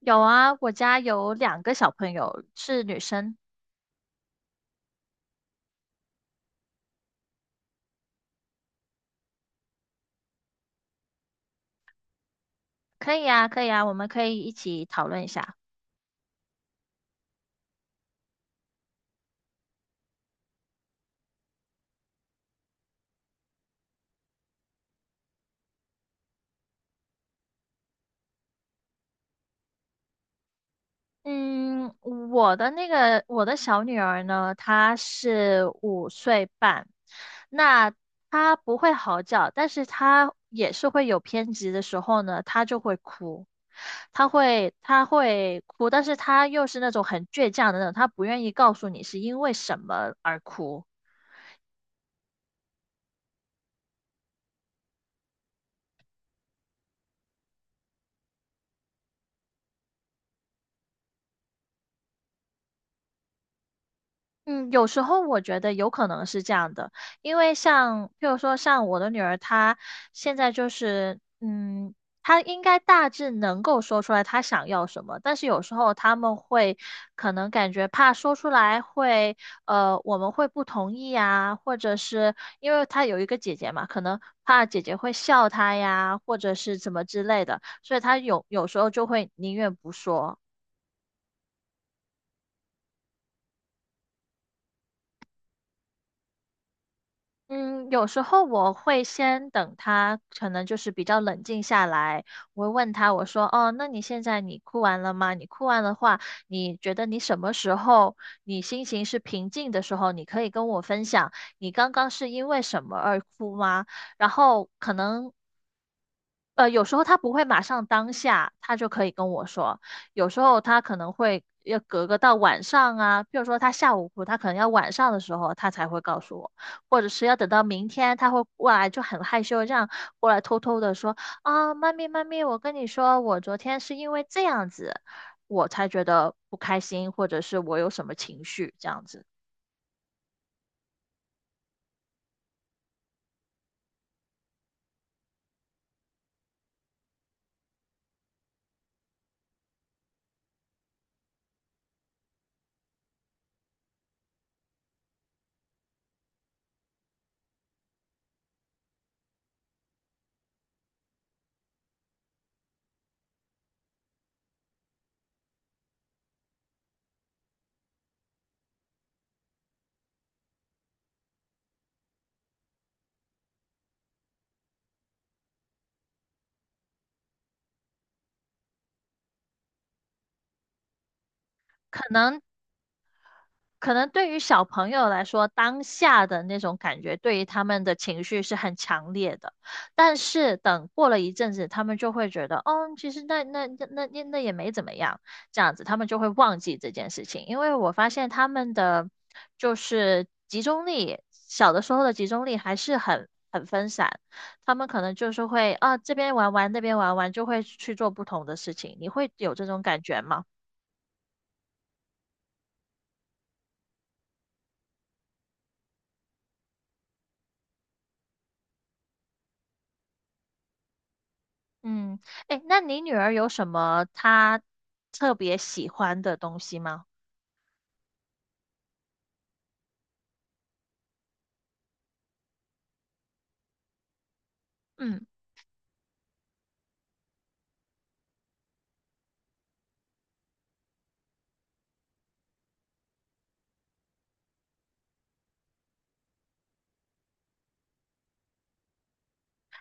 有啊，我家有2个小朋友是女生，可以啊，可以啊，我们可以一起讨论一下。嗯，我的小女儿呢，她是5岁半，那她不会嚎叫，但是她也是会有偏执的时候呢，她就会哭，她会哭，但是她又是那种很倔强的那种，她不愿意告诉你是因为什么而哭。嗯，有时候我觉得有可能是这样的，因为像，譬如说像我的女儿，她现在就是，嗯，她应该大致能够说出来她想要什么，但是有时候他们会可能感觉怕说出来会，我们会不同意呀，或者是因为她有一个姐姐嘛，可能怕姐姐会笑她呀，或者是怎么之类的，所以她有时候就会宁愿不说。嗯，有时候我会先等他，可能就是比较冷静下来。我会问他，我说：“哦，那你现在你哭完了吗？你哭完的话，你觉得你什么时候你心情是平静的时候，你可以跟我分享，你刚刚是因为什么而哭吗？”然后可能有时候他不会马上当下，他就可以跟我说。有时候他可能会要隔个到晚上啊，比如说他下午哭，他可能要晚上的时候他才会告诉我，或者是要等到明天他会过来，就很害羞这样过来偷偷的说啊，妈咪妈咪，我跟你说，我昨天是因为这样子，我才觉得不开心，或者是我有什么情绪这样子。可能可能对于小朋友来说，当下的那种感觉对于他们的情绪是很强烈的，但是等过了一阵子，他们就会觉得，哦，其实那也没怎么样，这样子他们就会忘记这件事情。因为我发现他们的就是集中力，小的时候的集中力还是很分散，他们可能就是会啊这边玩玩那边玩玩，就会去做不同的事情。你会有这种感觉吗？嗯，哎，那你女儿有什么她特别喜欢的东西吗？嗯，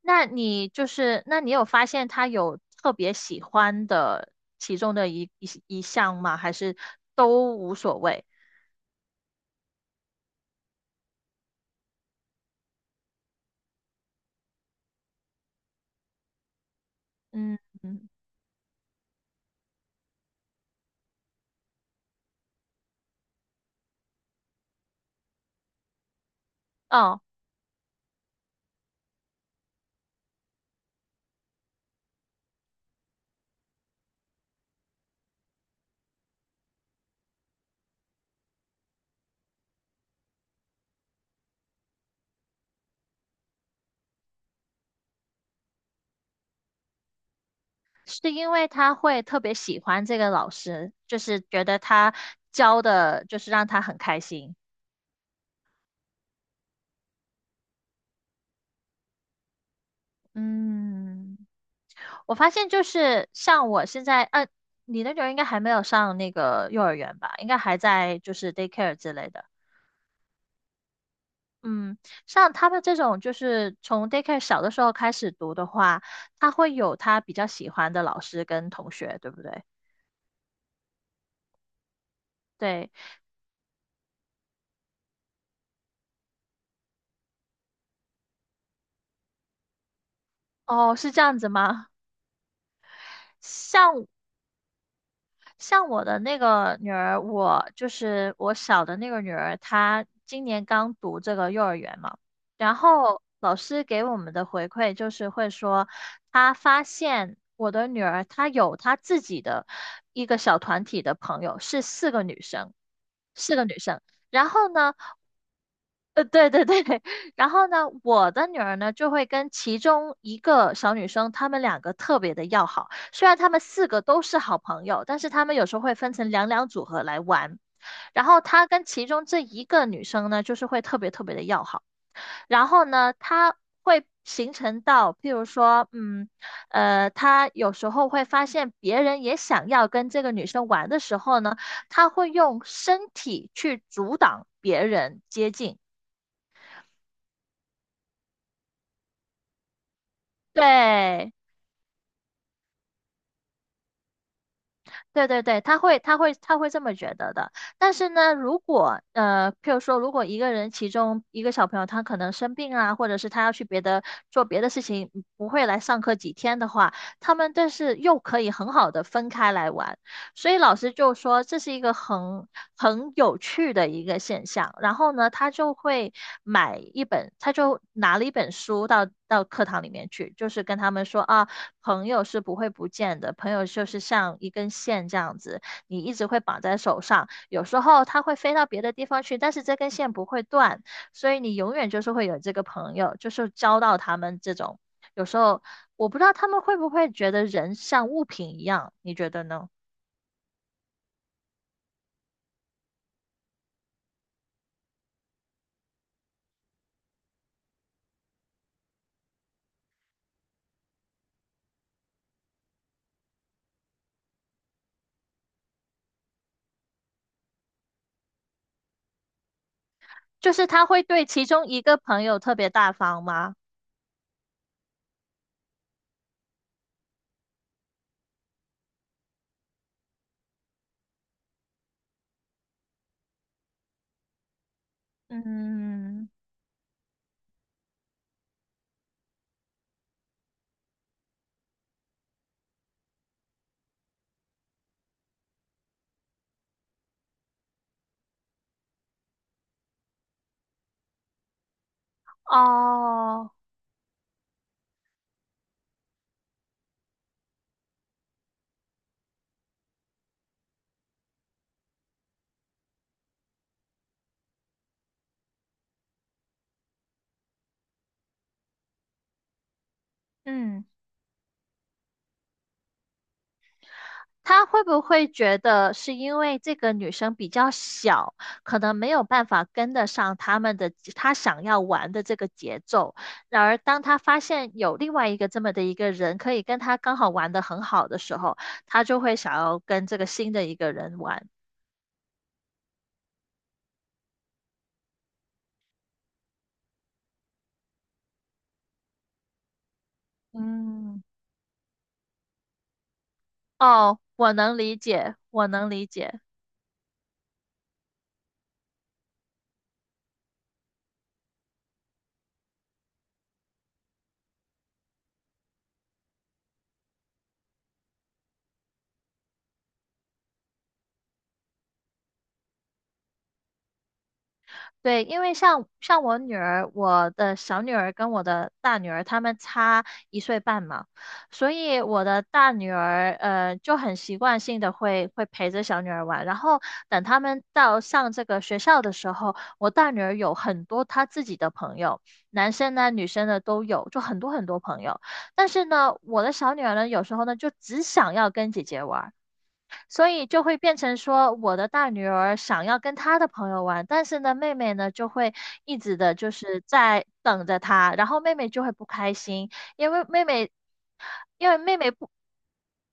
那你就是，那你有发现她有特别喜欢的其中的一项吗？还是都无所谓？嗯嗯，哦，是因为她会特别喜欢这个老师，就是觉得他教的，就是让她很开心。嗯。我发现就是像我现在，你那种应该还没有上那个幼儿园吧？应该还在就是 daycare 之类的。嗯，像他们这种就是从 daycare 小的时候开始读的话，他会有他比较喜欢的老师跟同学，对不对？对，哦，是这样子吗？像像我的那个女儿，我就是我小的那个女儿，她今年刚读这个幼儿园嘛，然后老师给我们的回馈就是会说，她发现我的女儿她有她自己的一个小团体的朋友，是四个女生，四个女生。然后呢，对对对，然后呢，我的女儿呢就会跟其中一个小女生，她们两个特别的要好。虽然她们4个都是好朋友，但是她们有时候会分成两两组合来玩。然后她跟其中这一个女生呢，就是会特别特别的要好。然后呢，她会形成到，譬如说，嗯，她有时候会发现别人也想要跟这个女生玩的时候呢，她会用身体去阻挡别人接近。对，对对对，他会这么觉得的。但是呢，如果譬如说，如果一个人其中一个小朋友他可能生病啊，或者是他要去别的做别的事情，不会来上课几天的话，他们但是又可以很好的分开来玩。所以老师就说这是一个很有趣的一个现象。然后呢，他就会买一本，他就拿了一本书到课堂里面去，就是跟他们说啊。朋友是不会不见的，朋友就是像一根线这样子，你一直会绑在手上。有时候它会飞到别的地方去，但是这根线不会断，所以你永远就是会有这个朋友，就是交到他们这种。有时候我不知道他们会不会觉得人像物品一样，你觉得呢？就是他会对其中一个朋友特别大方吗？嗯，哦，嗯，他会不会觉得是因为这个女生比较小，可能没有办法跟得上他们的他想要玩的这个节奏？然而，当他发现有另外一个这么的一个人可以跟他刚好玩得很好的时候，他就会想要跟这个新的一个人玩。嗯，哦，我能理解，我能理解。对，因为像我女儿，我的小女儿跟我的大女儿，她们差1岁半嘛，所以我的大女儿就很习惯性的会会陪着小女儿玩，然后等她们到上这个学校的时候，我大女儿有很多她自己的朋友，男生呢女生呢都有，就很多很多朋友，但是呢，我的小女儿呢有时候呢就只想要跟姐姐玩。所以就会变成说，我的大女儿想要跟她的朋友玩，但是呢，妹妹呢就会一直的就是在等着她，然后妹妹就会不开心，因为妹妹，因为妹妹不。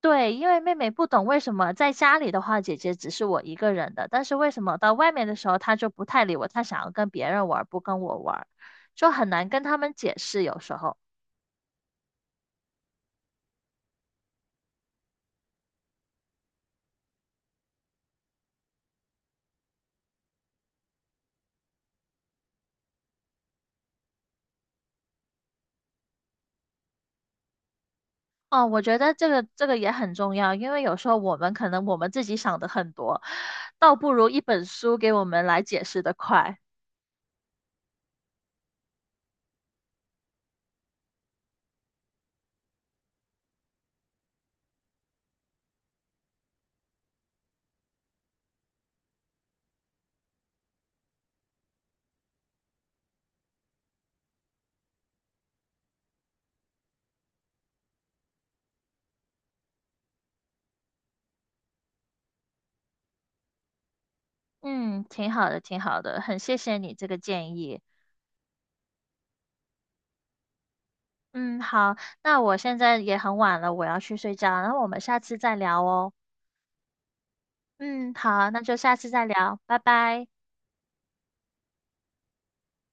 对，因为妹妹不懂为什么在家里的话，姐姐只是我一个人的，但是为什么到外面的时候，她就不太理我，她想要跟别人玩，不跟我玩，就很难跟他们解释有时候。哦，我觉得这个这个也很重要，因为有时候我们可能我们自己想的很多，倒不如一本书给我们来解释的快。嗯，挺好的，挺好的，很谢谢你这个建议。嗯，好，那我现在也很晚了，我要去睡觉，然后我们下次再聊哦。嗯，好，那就下次再聊，拜拜。